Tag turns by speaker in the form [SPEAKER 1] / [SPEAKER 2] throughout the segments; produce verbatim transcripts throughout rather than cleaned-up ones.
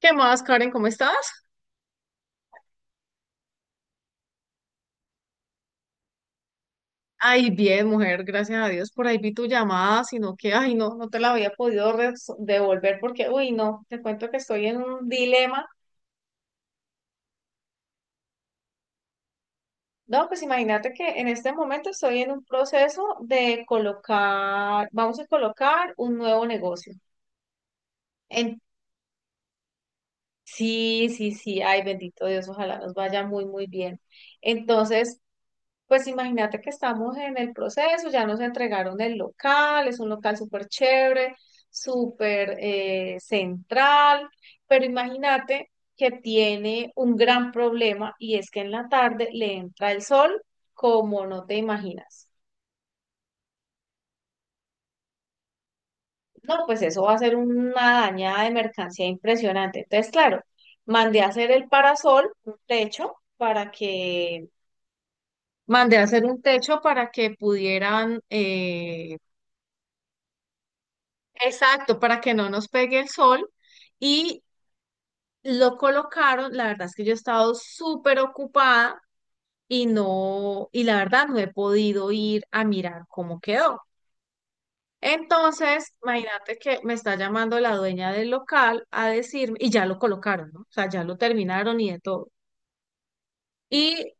[SPEAKER 1] ¿Qué más, Karen? ¿Cómo estás? Ay, bien, mujer, gracias a Dios. Por ahí vi tu llamada, sino que, ay, no, no te la había podido res- devolver porque, uy, no, te cuento que estoy en un dilema. No, pues imagínate que en este momento estoy en un proceso de colocar, vamos a colocar un nuevo negocio. En, sí, sí, sí, ay, bendito Dios, ojalá nos vaya muy, muy bien. Entonces, pues imagínate que estamos en el proceso, ya nos entregaron el local, es un local súper chévere, súper eh, central, pero imagínate que tiene un gran problema y es que en la tarde le entra el sol como no te imaginas. No, pues eso va a ser una dañada de mercancía impresionante. Entonces, claro, mandé a hacer el parasol, un techo, para que, mandé a hacer un techo para que pudieran eh, exacto, para que no nos pegue el sol. Y lo colocaron, la verdad es que yo he estado súper ocupada y no, y la verdad no he podido ir a mirar cómo quedó. Entonces, imagínate que me está llamando la dueña del local a decirme, y ya lo colocaron, ¿no? O sea, ya lo terminaron y de todo. Y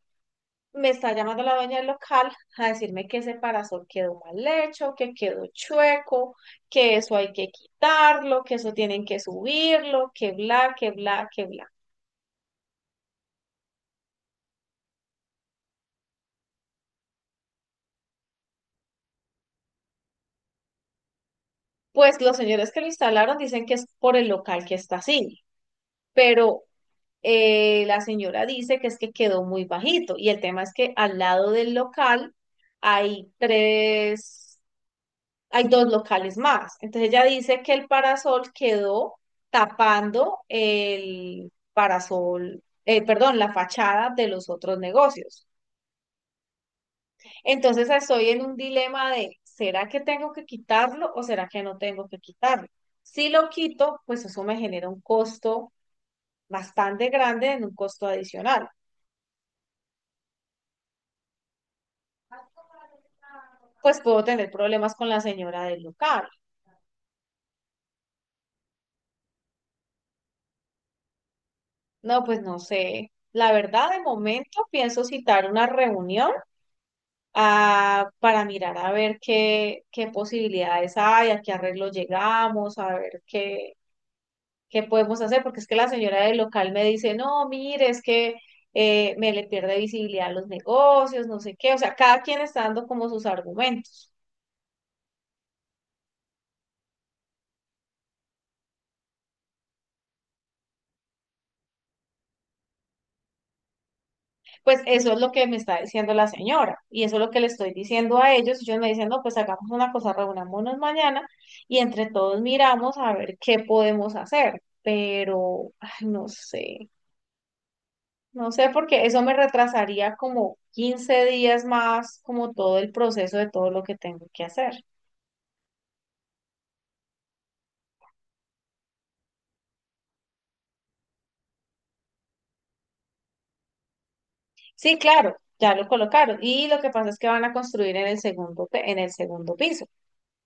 [SPEAKER 1] me está llamando la dueña del local a decirme que ese parasol quedó mal hecho, que quedó chueco, que eso hay que quitarlo, que eso tienen que subirlo, que bla, que bla, que bla. Pues los señores que lo instalaron dicen que es por el local que está así, pero eh, la señora dice que es que quedó muy bajito y el tema es que al lado del local hay tres hay dos locales más. Entonces ella dice que el parasol quedó tapando el parasol, eh, perdón, la fachada de los otros negocios. Entonces estoy en un dilema de, ¿será que tengo que quitarlo o será que no tengo que quitarlo? Si lo quito, pues eso me genera un costo bastante grande, en un costo adicional. Pues puedo tener problemas con la señora del local. No, pues no sé. La verdad, de momento pienso citar una reunión ah, para mirar a ver qué, qué posibilidades hay, a qué arreglo llegamos, a ver qué, qué podemos hacer, porque es que la señora del local me dice, no, mire, es que eh, me le pierde visibilidad a los negocios, no sé qué, o sea, cada quien está dando como sus argumentos. Pues eso es lo que me está diciendo la señora y eso es lo que le estoy diciendo a ellos. Ellos me dicen, no, pues hagamos una cosa, reunámonos mañana y entre todos miramos a ver qué podemos hacer, pero ay, no sé. No sé, porque eso me retrasaría como quince días más, como todo el proceso de todo lo que tengo que hacer. Sí, claro, ya lo colocaron. Y lo que pasa es que van a construir en el segundo, pe- en el segundo piso.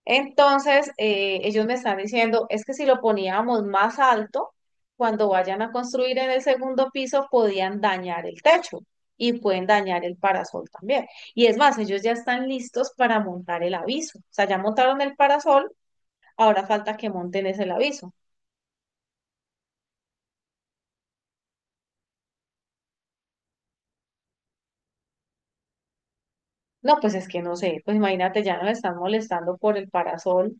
[SPEAKER 1] Entonces, eh, ellos me están diciendo, es que si lo poníamos más alto, cuando vayan a construir en el segundo piso, podían dañar el techo y pueden dañar el parasol también. Y es más, ellos ya están listos para montar el aviso. O sea, ya montaron el parasol, ahora falta que monten ese aviso. No, pues es que no sé, pues imagínate, ya nos están molestando por el parasol.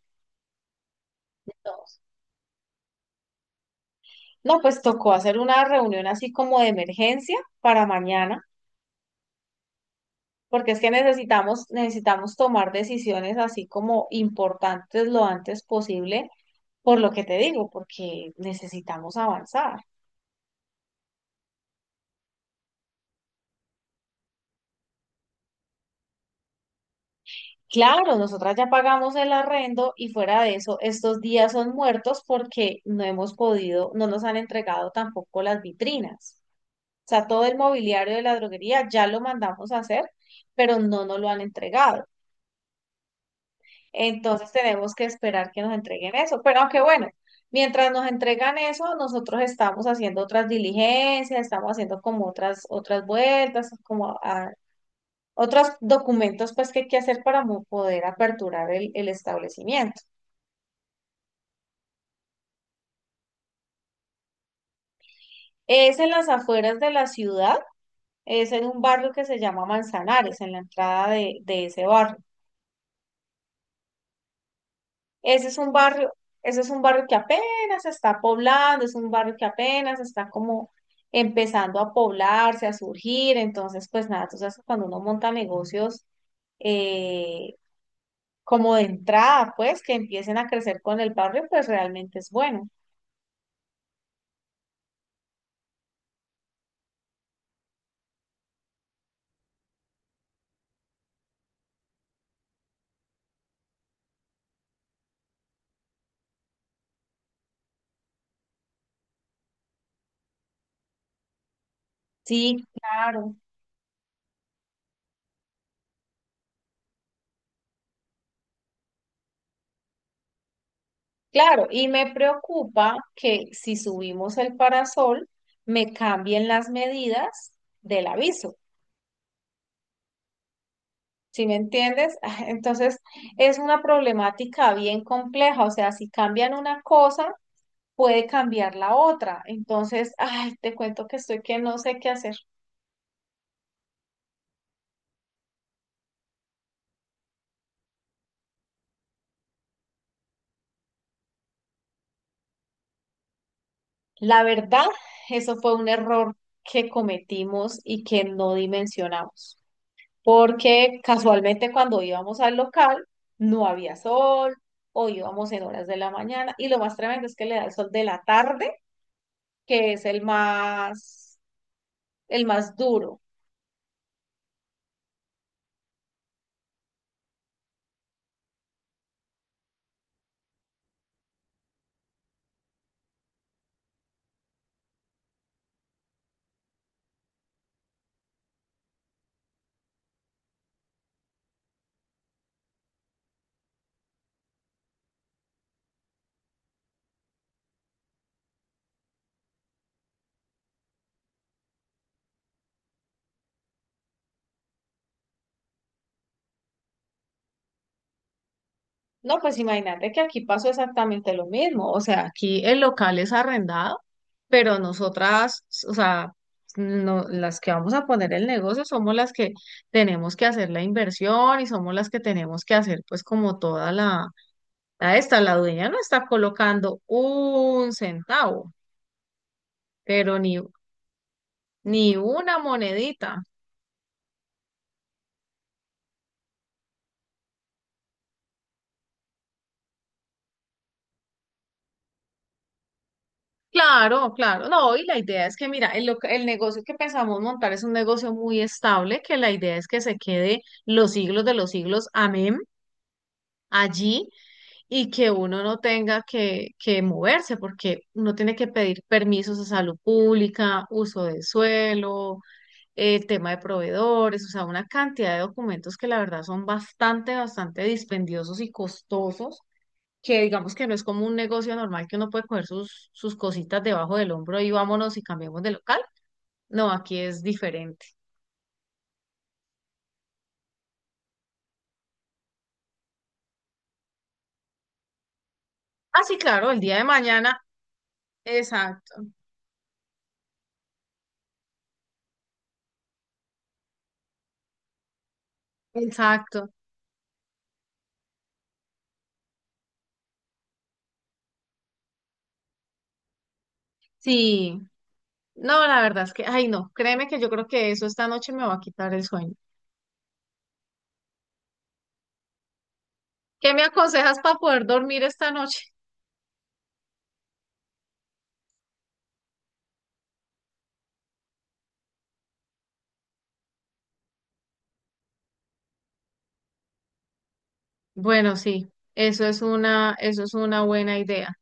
[SPEAKER 1] No, pues tocó hacer una reunión así como de emergencia para mañana, porque es que necesitamos, necesitamos tomar decisiones así como importantes lo antes posible, por lo que te digo, porque necesitamos avanzar. Claro, nosotras ya pagamos el arrendo y fuera de eso, estos días son muertos porque no hemos podido, no nos han entregado tampoco las vitrinas. O sea, todo el mobiliario de la droguería ya lo mandamos a hacer, pero no nos lo han entregado. Entonces tenemos que esperar que nos entreguen eso. Pero aunque bueno, mientras nos entregan eso, nosotros estamos haciendo otras diligencias, estamos haciendo como otras, otras vueltas, como ah, otros documentos pues que hay que hacer para mo- poder aperturar el, el establecimiento. Es en las afueras de la ciudad, es en un barrio que se llama Manzanares, en la entrada de de ese barrio. Ese es un barrio, ese es un barrio que apenas se está poblando, es un barrio que apenas está como empezando a poblarse, a surgir. Entonces, pues nada, tú sabes que cuando uno monta negocios eh, como de entrada, pues que empiecen a crecer con el barrio, pues realmente es bueno. Sí, claro, claro. Y me preocupa que si subimos el parasol, me cambien las medidas del aviso. ¿Sí me entiendes? Entonces, es una problemática bien compleja, o sea, si cambian una cosa, puede cambiar la otra. Entonces, ay, te cuento que estoy que no sé qué hacer. La verdad, eso fue un error que cometimos y que no dimensionamos, porque casualmente cuando íbamos al local, no había sol o íbamos en horas de la mañana y lo más tremendo es que le da el sol de la tarde, que es el más el más duro. No, pues imagínate que aquí pasó exactamente lo mismo. O sea, aquí el local es arrendado, pero nosotras, o sea, no, las que vamos a poner el negocio somos las que tenemos que hacer la inversión y somos las que tenemos que hacer, pues, como toda la, la esta, la dueña no está colocando un centavo, pero ni, ni una monedita. Claro, claro. No, y la idea es que, mira, el, loca- el negocio que pensamos montar es un negocio muy estable, que la idea es que se quede los siglos de los siglos, amén, allí, y que uno no tenga que, que moverse, porque uno tiene que pedir permisos a salud pública, uso de suelo, el tema de proveedores, o sea, una cantidad de documentos que la verdad son bastante, bastante dispendiosos y costosos que digamos que no es como un negocio normal que uno puede coger sus, sus cositas debajo del hombro y vámonos y cambiamos de local. No, aquí es diferente. Ah, sí, claro, el día de mañana. Exacto, exacto. Sí, no, la verdad es que, ay, no, créeme que yo creo que eso esta noche me va a quitar el sueño. ¿Qué me aconsejas para poder dormir esta noche? Bueno, sí, eso es una, eso es una buena idea.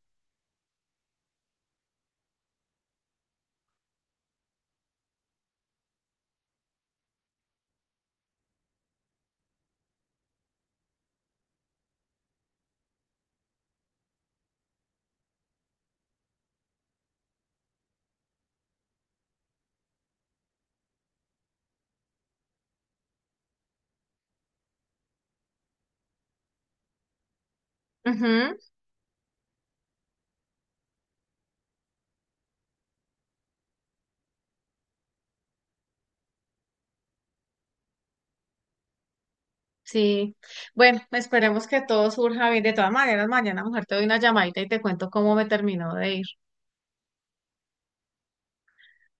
[SPEAKER 1] Ujú, sí. Bueno, esperemos que todo surja bien. De todas maneras, mañana, mujer, te doy una llamadita y te cuento cómo me terminó de ir.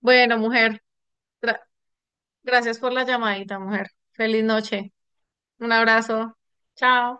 [SPEAKER 1] Bueno, mujer, gra- gracias por la llamadita, mujer. Feliz noche. Un abrazo. Chao.